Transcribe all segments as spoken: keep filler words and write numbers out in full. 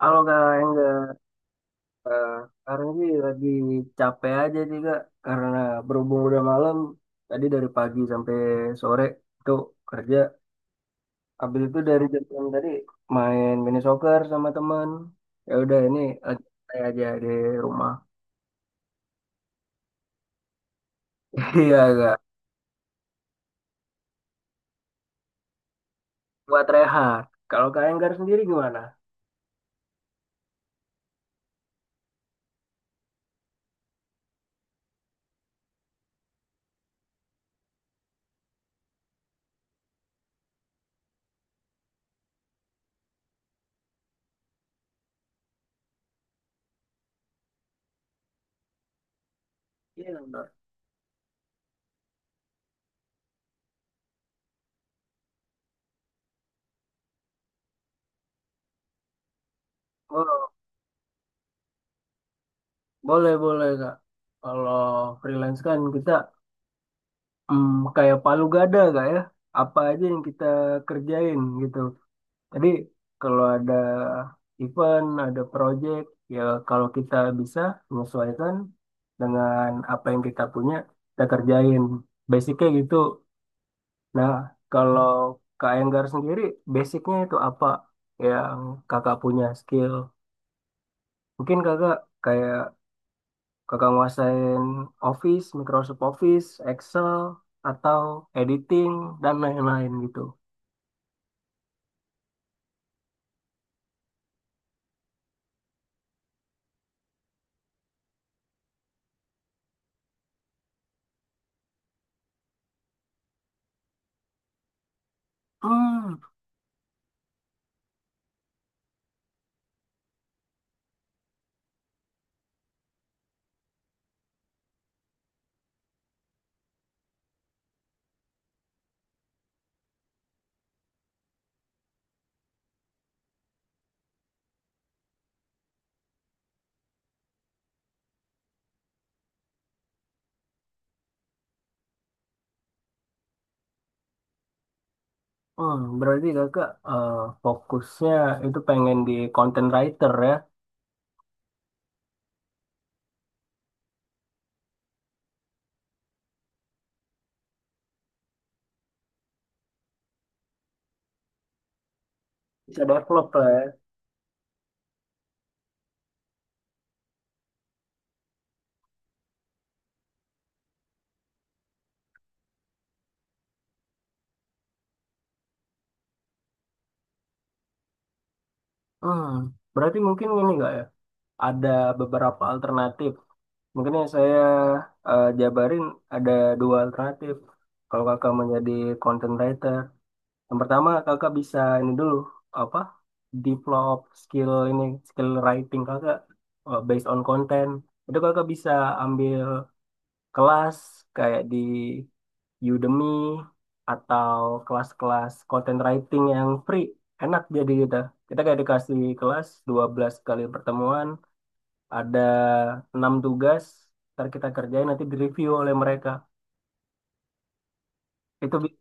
Kalau nggak yang nggak, sekarang sih lagi capek aja sih kak, karena berhubung udah malam, tadi dari pagi sampai sore itu kerja. Habis itu dari jam enam tadi main mini soccer sama teman. Ya udah ini lagi santai aja di rumah. Iya kak, buat rehat. Kalau kak Enggar sendiri gimana? Iya Kak Enggar. Oh, boleh boleh kak. Kalau freelance kan kita mm, kayak palu gada kak ya. Apa aja yang kita kerjain gitu. Jadi kalau ada event, ada project, ya kalau kita bisa menyesuaikan dengan apa yang kita punya, kita kerjain. Basicnya gitu. Nah, kalau Kak Enggar sendiri, basicnya itu apa yang kakak punya skill? Mungkin kakak kayak kakak nguasain Office, Microsoft Office, Excel, atau editing, dan lain-lain gitu. Hmm, Hmm, berarti kakak eh, fokusnya itu pengen di content writer ya, bisa develop lah ya. Hmm, berarti mungkin ini nggak ya, ada beberapa alternatif. Mungkin yang saya eh, jabarin ada dua alternatif. Kalau kakak menjadi content writer, yang pertama kakak bisa ini dulu apa, develop skill ini skill writing kakak eh, based on content. Itu kakak bisa ambil kelas kayak di Udemy atau kelas-kelas content writing yang free. Enak jadi kita. Kita kayak dikasih kelas dua belas kali pertemuan, ada enam tugas, ntar kita kerjain nanti direview oleh mereka. Itu bi-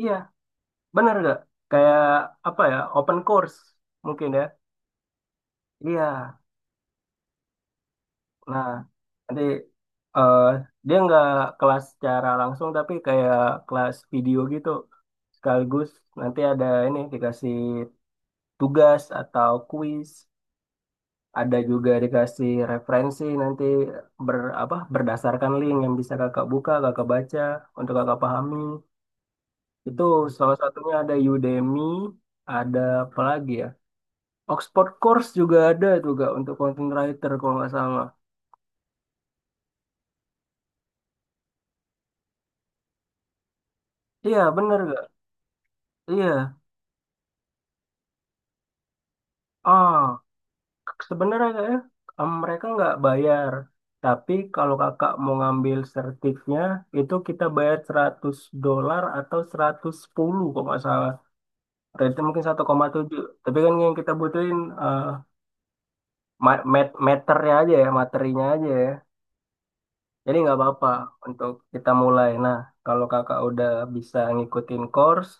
iya, benar nggak? Kayak apa ya, open course mungkin ya. Iya. Nah, nanti eh, dia nggak kelas secara langsung tapi kayak kelas video gitu. Sekaligus nanti ada ini dikasih tugas atau kuis, ada juga dikasih referensi nanti ber apa berdasarkan link yang bisa kakak buka, kakak baca untuk kakak pahami. Itu salah satunya ada Udemy, ada apa lagi ya? Oxford Course juga ada juga untuk content writer kalau nggak salah. Iya, bener nggak? Iya. Ah. Sebenarnya kayaknya, em, mereka nggak bayar. Tapi kalau kakak mau ngambil sertifnya, itu kita bayar seratus dolar atau seratus sepuluh kalau nggak salah. Rate mungkin satu koma tujuh. Tapi kan yang kita butuhin eh, ma- mat- meternya aja ya, materinya aja ya. Jadi nggak apa-apa untuk kita mulai. Nah, kalau kakak udah bisa ngikutin course,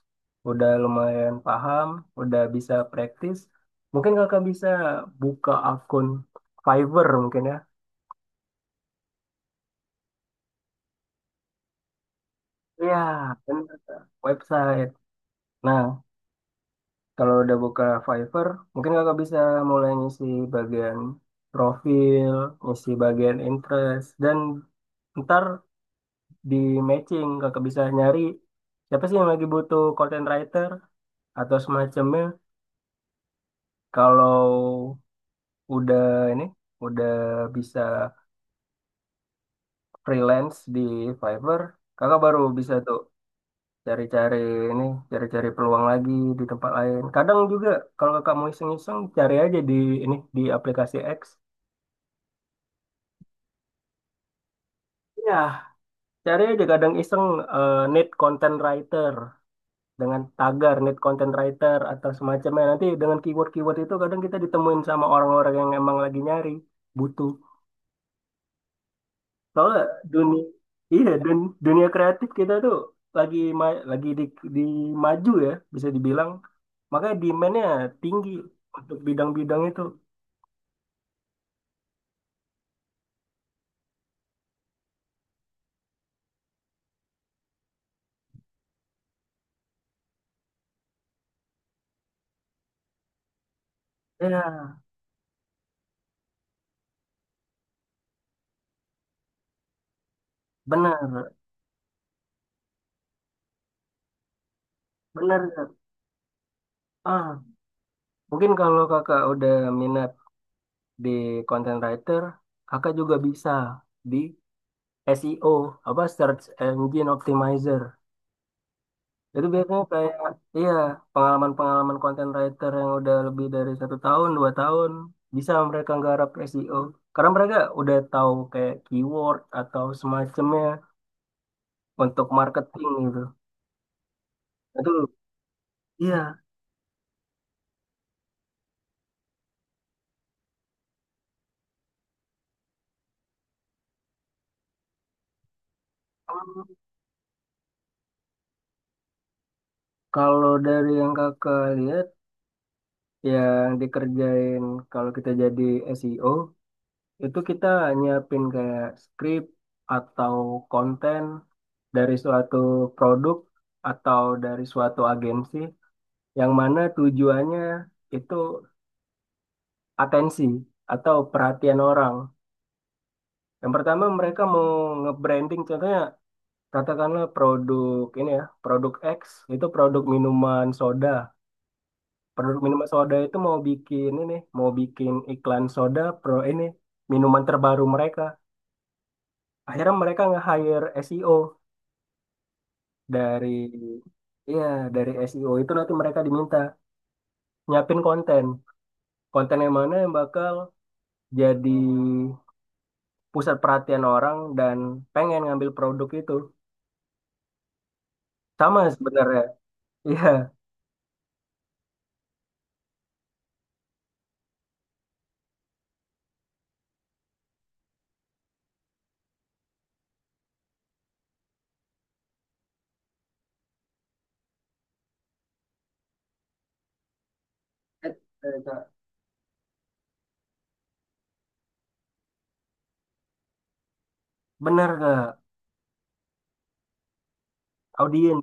udah lumayan paham, udah bisa praktis, mungkin kakak bisa buka akun Fiverr mungkin ya. Iya, benar Kak, website. Nah, kalau udah buka Fiverr, mungkin kakak bisa mulai ngisi bagian profil, ngisi bagian interest, dan ntar di matching kakak bisa nyari siapa sih yang lagi butuh content writer atau semacamnya. Kalau udah ini, udah bisa freelance di Fiverr, kakak baru bisa tuh cari-cari ini cari-cari peluang lagi di tempat lain kadang juga kalau kakak mau iseng-iseng cari aja di ini di aplikasi X, ya cari aja kadang iseng eh, need content writer dengan tagar need content writer atau semacamnya nanti dengan keyword-keyword itu kadang kita ditemuin sama orang-orang yang emang lagi nyari butuh. Soalnya dunia, iya, dun- dunia kreatif kita tuh lagi ma- lagi di, di maju ya bisa dibilang makanya demand-nya tinggi untuk bidang-bidang itu. Iya, benar, benar. Ah, mungkin kalau kakak udah minat di content writer, kakak juga bisa di S E O, apa Search Engine Optimizer. Itu biasanya kayak, iya, pengalaman-pengalaman content writer yang udah lebih dari satu tahun, dua tahun, bisa mereka nggarap S E O. Karena mereka udah tahu kayak keyword atau semacamnya untuk marketing gitu. Itu, iya. Kalau dari yang kakak lihat, yang dikerjain kalau kita jadi S E O itu kita nyiapin kayak script atau konten dari suatu produk atau dari suatu agensi yang mana tujuannya itu atensi atau perhatian orang. Yang pertama mereka mau nge-branding contohnya katakanlah produk ini ya, produk X itu produk minuman soda. Produk minuman soda itu mau bikin ini, mau bikin iklan soda pro ini minuman terbaru mereka. Akhirnya mereka nge-hire S E O, dari iya dari S E O itu nanti mereka diminta nyiapin konten. Konten yang mana yang bakal jadi pusat perhatian orang dan pengen ngambil produk itu. Sama sebenarnya. Iya. Eh, eh, Kak. Benar gak? Audiens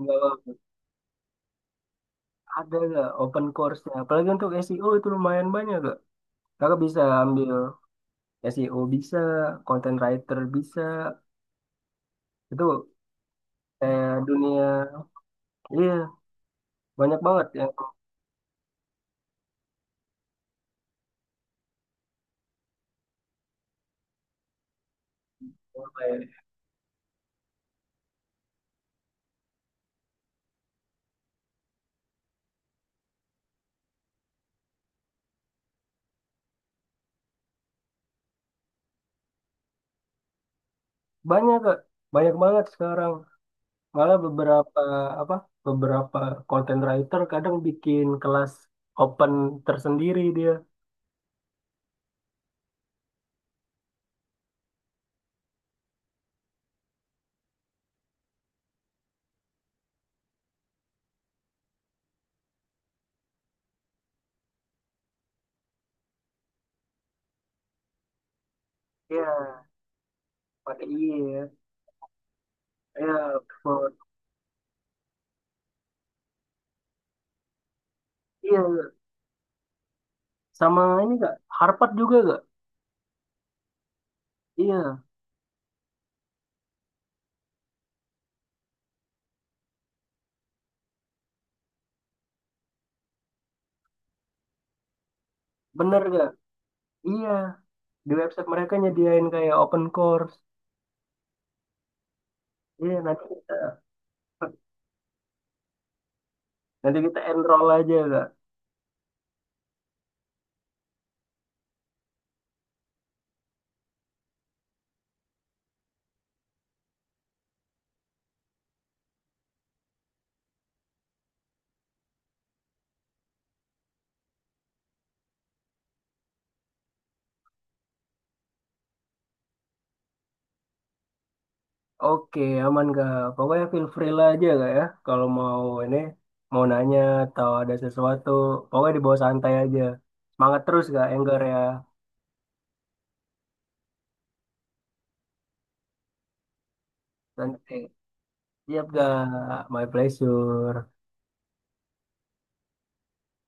nggak bagus. Ada gak open course-nya? Apalagi untuk S E O itu lumayan banyak gak? Kakak bisa ambil S E O bisa, content writer bisa, itu eh, dunia, iya banyak banget yang banyak kak, banyak banget sekarang. Malah beberapa apa, beberapa content writer kadang bikin kelas open tersendiri dia. Iya, pakai iya, ya. Iya, Oxford. Iya, sama ini kak, Harvard juga kak. Iya, bener kak. Iya, di website mereka nyediain kayak open course. Iya, nanti nanti kita enroll aja kak. Oke, aman Kak. Pokoknya feel free lah aja Kak ya. Kalau mau ini, mau nanya atau ada sesuatu, pokoknya dibawa santai aja. Semangat terus Kak, Enggar ya. Santai, siap Kak, my pleasure.